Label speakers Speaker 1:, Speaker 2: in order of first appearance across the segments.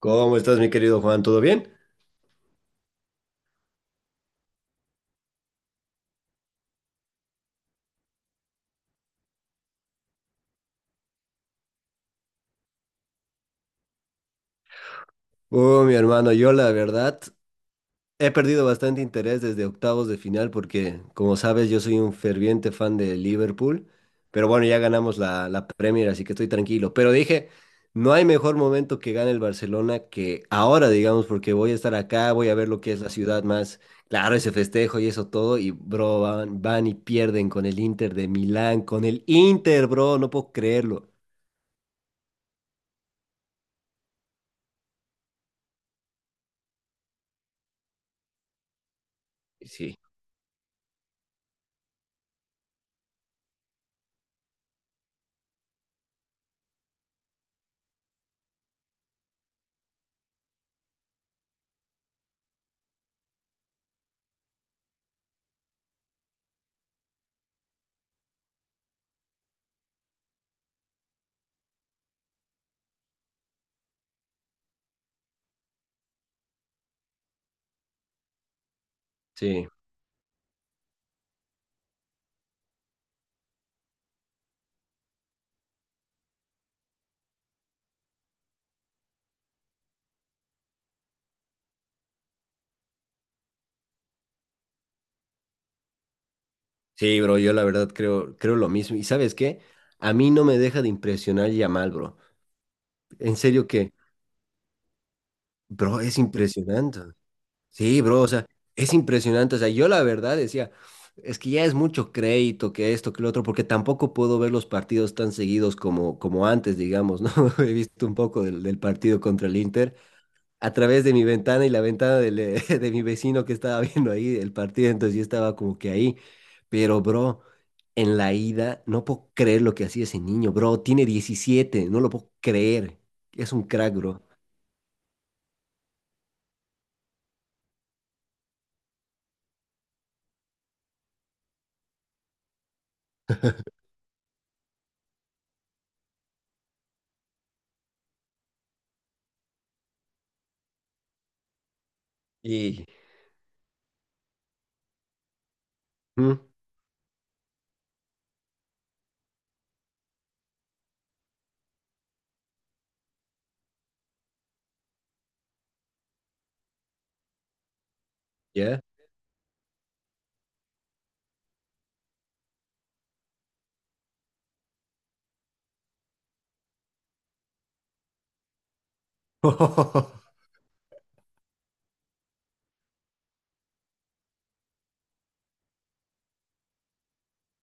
Speaker 1: ¿Cómo estás, mi querido Juan? ¿Todo bien? Mi hermano, yo la verdad he perdido bastante interés desde octavos de final porque, como sabes, yo soy un ferviente fan de Liverpool, pero bueno, ya ganamos la Premier, así que estoy tranquilo. Pero dije, no hay mejor momento que gane el Barcelona que ahora, digamos, porque voy a estar acá, voy a ver lo que es la ciudad más, claro, ese festejo y eso todo, y bro, van y pierden con el Inter de Milán, con el Inter, bro, no puedo creerlo. Sí, sí. Sí, bro, yo la verdad creo lo mismo. ¿Y sabes qué? A mí no me deja de impresionar Yamal, bro. En serio que, bro, es impresionante. Sí, bro, o sea, es impresionante. O sea, yo la verdad decía, es que ya es mucho crédito que esto, que lo otro, porque tampoco puedo ver los partidos tan seguidos como, como antes, digamos, ¿no? He visto un poco del partido contra el Inter. A través de mi ventana y la ventana del, de mi vecino que estaba viendo ahí el partido, entonces yo estaba como que ahí. Pero, bro, en la ida, no puedo creer lo que hacía ese niño, bro. Tiene 17, no lo puedo creer. Es un crack, bro. Y, ¿mm? ¿Ya?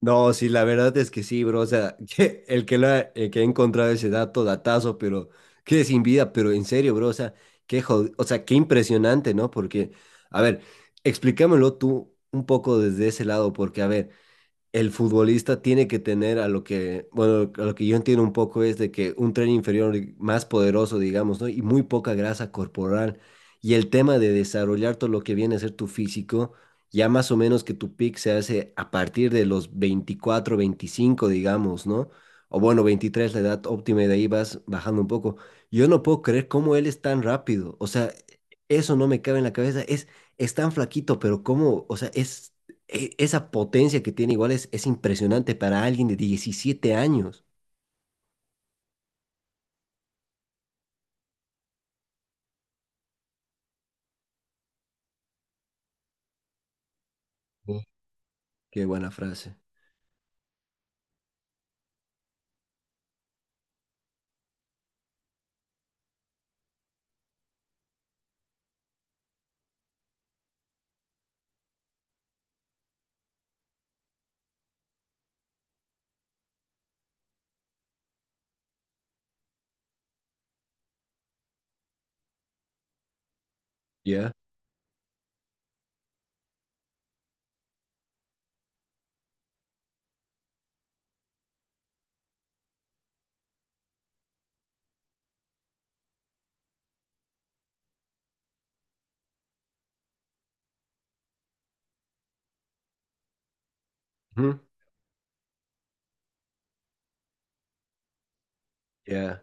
Speaker 1: No, sí, la verdad es que sí, bro. O sea, que el que, lo ha, el que ha encontrado ese dato, datazo, pero que sin vida, pero en serio, bro. O sea, qué jod-, o sea, qué impresionante, ¿no? Porque, a ver, explícamelo tú un poco desde ese lado, porque, a ver, el futbolista tiene que tener a lo que, bueno, a lo que yo entiendo un poco es de que un tren inferior más poderoso, digamos, ¿no? Y muy poca grasa corporal. Y el tema de desarrollar todo lo que viene a ser tu físico, ya más o menos que tu pick se hace a partir de los 24, 25 digamos, ¿no? O bueno, 23 la edad óptima, y de ahí vas bajando un poco. Yo no puedo creer cómo él es tan rápido. O sea, eso no me cabe en la cabeza. Es tan flaquito, pero cómo, o sea, es e- esa potencia que tiene igual es impresionante para alguien de 17 años. Sí. Qué buena frase. Ya. Ujú. Ya.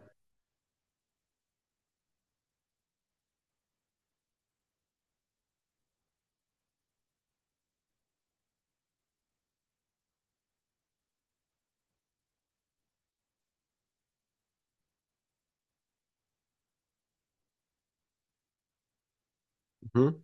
Speaker 1: Ujú.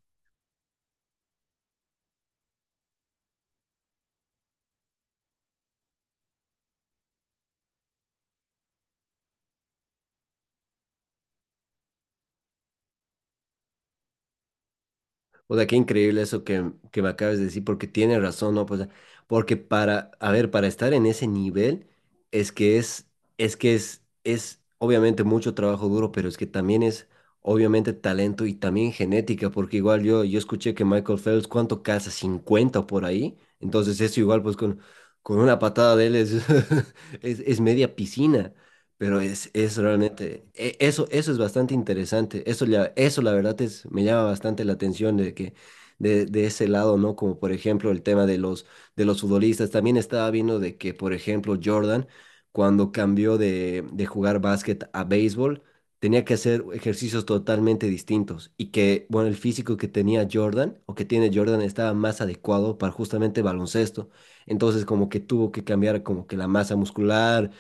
Speaker 1: O sea, qué increíble eso que me acabas de decir, porque tiene razón, ¿no? Pues, porque para, a ver, para estar en ese nivel, es que es, es obviamente mucho trabajo duro, pero es que también es obviamente talento y también genética, porque igual yo, yo escuché que Michael Phelps, ¿cuánto caza? 50 por ahí. Entonces eso igual, pues con una patada de él es, es media piscina. Pero es realmente, e- eso es bastante interesante. Eso, ya- eso la verdad es, me llama bastante la atención de que de ese lado, ¿no? Como por ejemplo el tema de los futbolistas. También estaba viendo de que, por ejemplo, Jordan, cuando cambió de jugar básquet a béisbol, tenía que hacer ejercicios totalmente distintos. Y que, bueno, el físico que tenía Jordan o que tiene Jordan estaba más adecuado para justamente baloncesto. Entonces, como que tuvo que cambiar como que la masa muscular,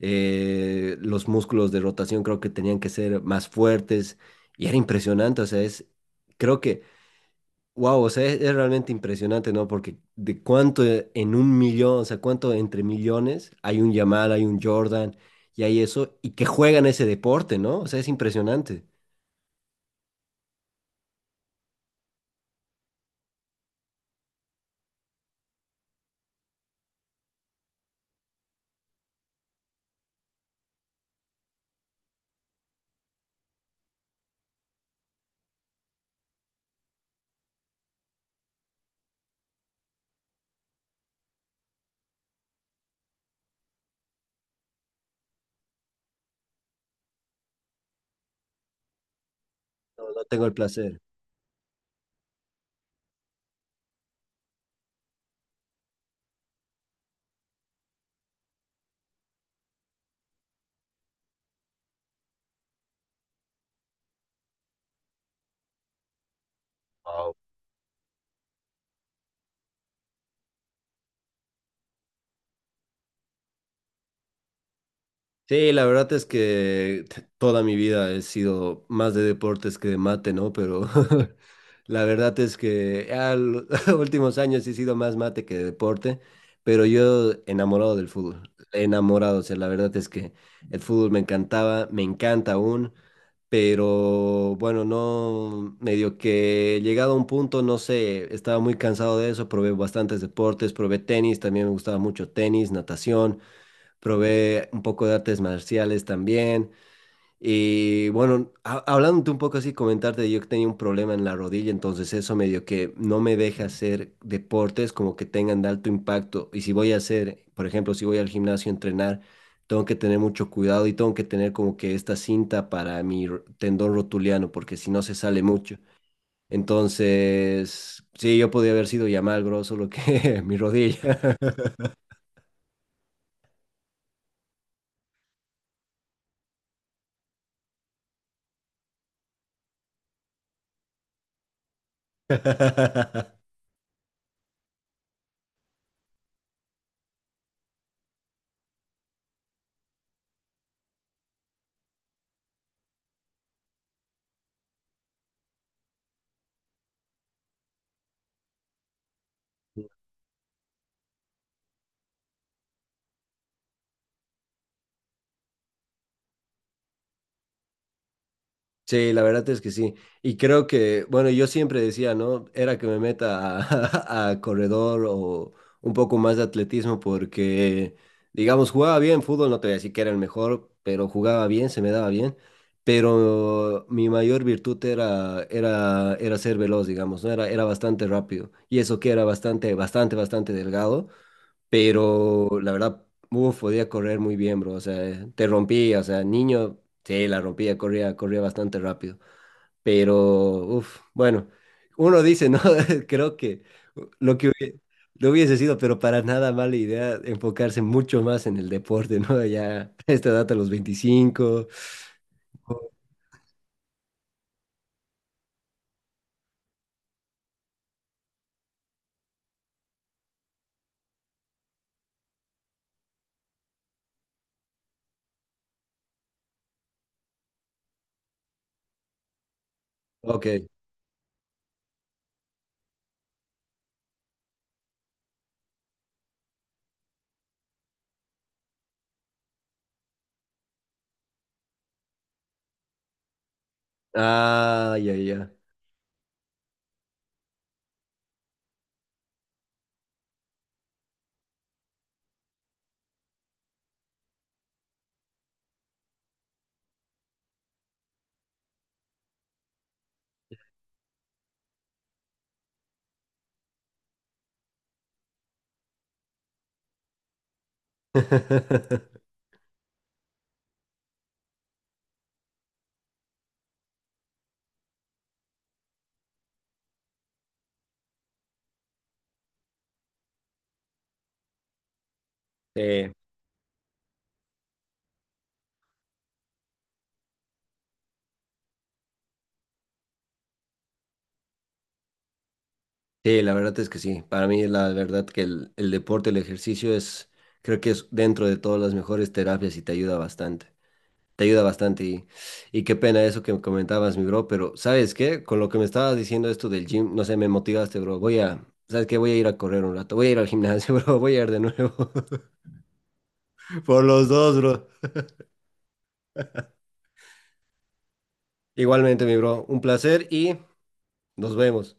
Speaker 1: los músculos de rotación creo que tenían que ser más fuertes y era impresionante, o sea, es, creo que, wow, o sea, es realmente impresionante, ¿no? Porque de cuánto en un millón, o sea, cuánto entre millones hay un Yamal, hay un Jordan y hay eso, y que juegan ese deporte, ¿no? O sea, es impresionante. No, no tengo el placer. Sí, la verdad es que t- toda mi vida he sido más de deportes que de mate, ¿no? Pero la verdad es que a los últimos años he sido más mate que de deporte, pero yo enamorado del fútbol, enamorado, o sea, la verdad es que el fútbol me encantaba, me encanta aún, pero bueno, no, medio que llegado a un punto, no sé, estaba muy cansado de eso, probé bastantes deportes, probé tenis, también me gustaba mucho tenis, natación, probé un poco de artes marciales también. Y bueno, ha- hablándote un poco así, comentarte, yo que tenía un problema en la rodilla, entonces eso medio que no me deja hacer deportes como que tengan de alto impacto. Y si voy a hacer, por ejemplo, si voy al gimnasio a entrenar, tengo que tener mucho cuidado y tengo que tener como que esta cinta para mi ro- tendón rotuliano, porque si no se sale mucho. Entonces, sí, yo podía haber sido ya mal grosso lo que mi rodilla. Sí, la verdad es que sí. Y creo que, bueno, yo siempre decía, ¿no? Era que me meta a, a corredor o un poco más de atletismo porque, digamos, jugaba bien fútbol, no te voy a decir que era el mejor, pero jugaba bien, se me daba bien. Pero mi mayor virtud era, era ser veloz, digamos, ¿no? Era bastante rápido. Y eso que era bastante, bastante, bastante delgado. Pero la verdad, uf, podía correr muy bien, bro. O sea, te rompía, o sea, niño, sí, la rompía, corría, corría bastante rápido. Pero, uff, bueno, uno dice, ¿no? Creo que lo que hubie- no hubiese sido, pero para nada mala idea enfocarse mucho más en el deporte, ¿no? Ya esta edad a los 25. Ok. Ah, ya, ya. Sí. Sí, la verdad es que sí. Para mí, la verdad que el deporte, el ejercicio es, creo que es dentro de todas las mejores terapias y te ayuda bastante. Te ayuda bastante y qué pena eso que comentabas, mi bro, pero ¿sabes qué? Con lo que me estabas diciendo esto del gym, no sé, me motivaste, bro. Voy a, ¿sabes qué? Voy a ir a correr un rato, voy a ir al gimnasio, bro, voy a ir de nuevo. Por los dos, bro. Igualmente, mi bro, un placer y nos vemos.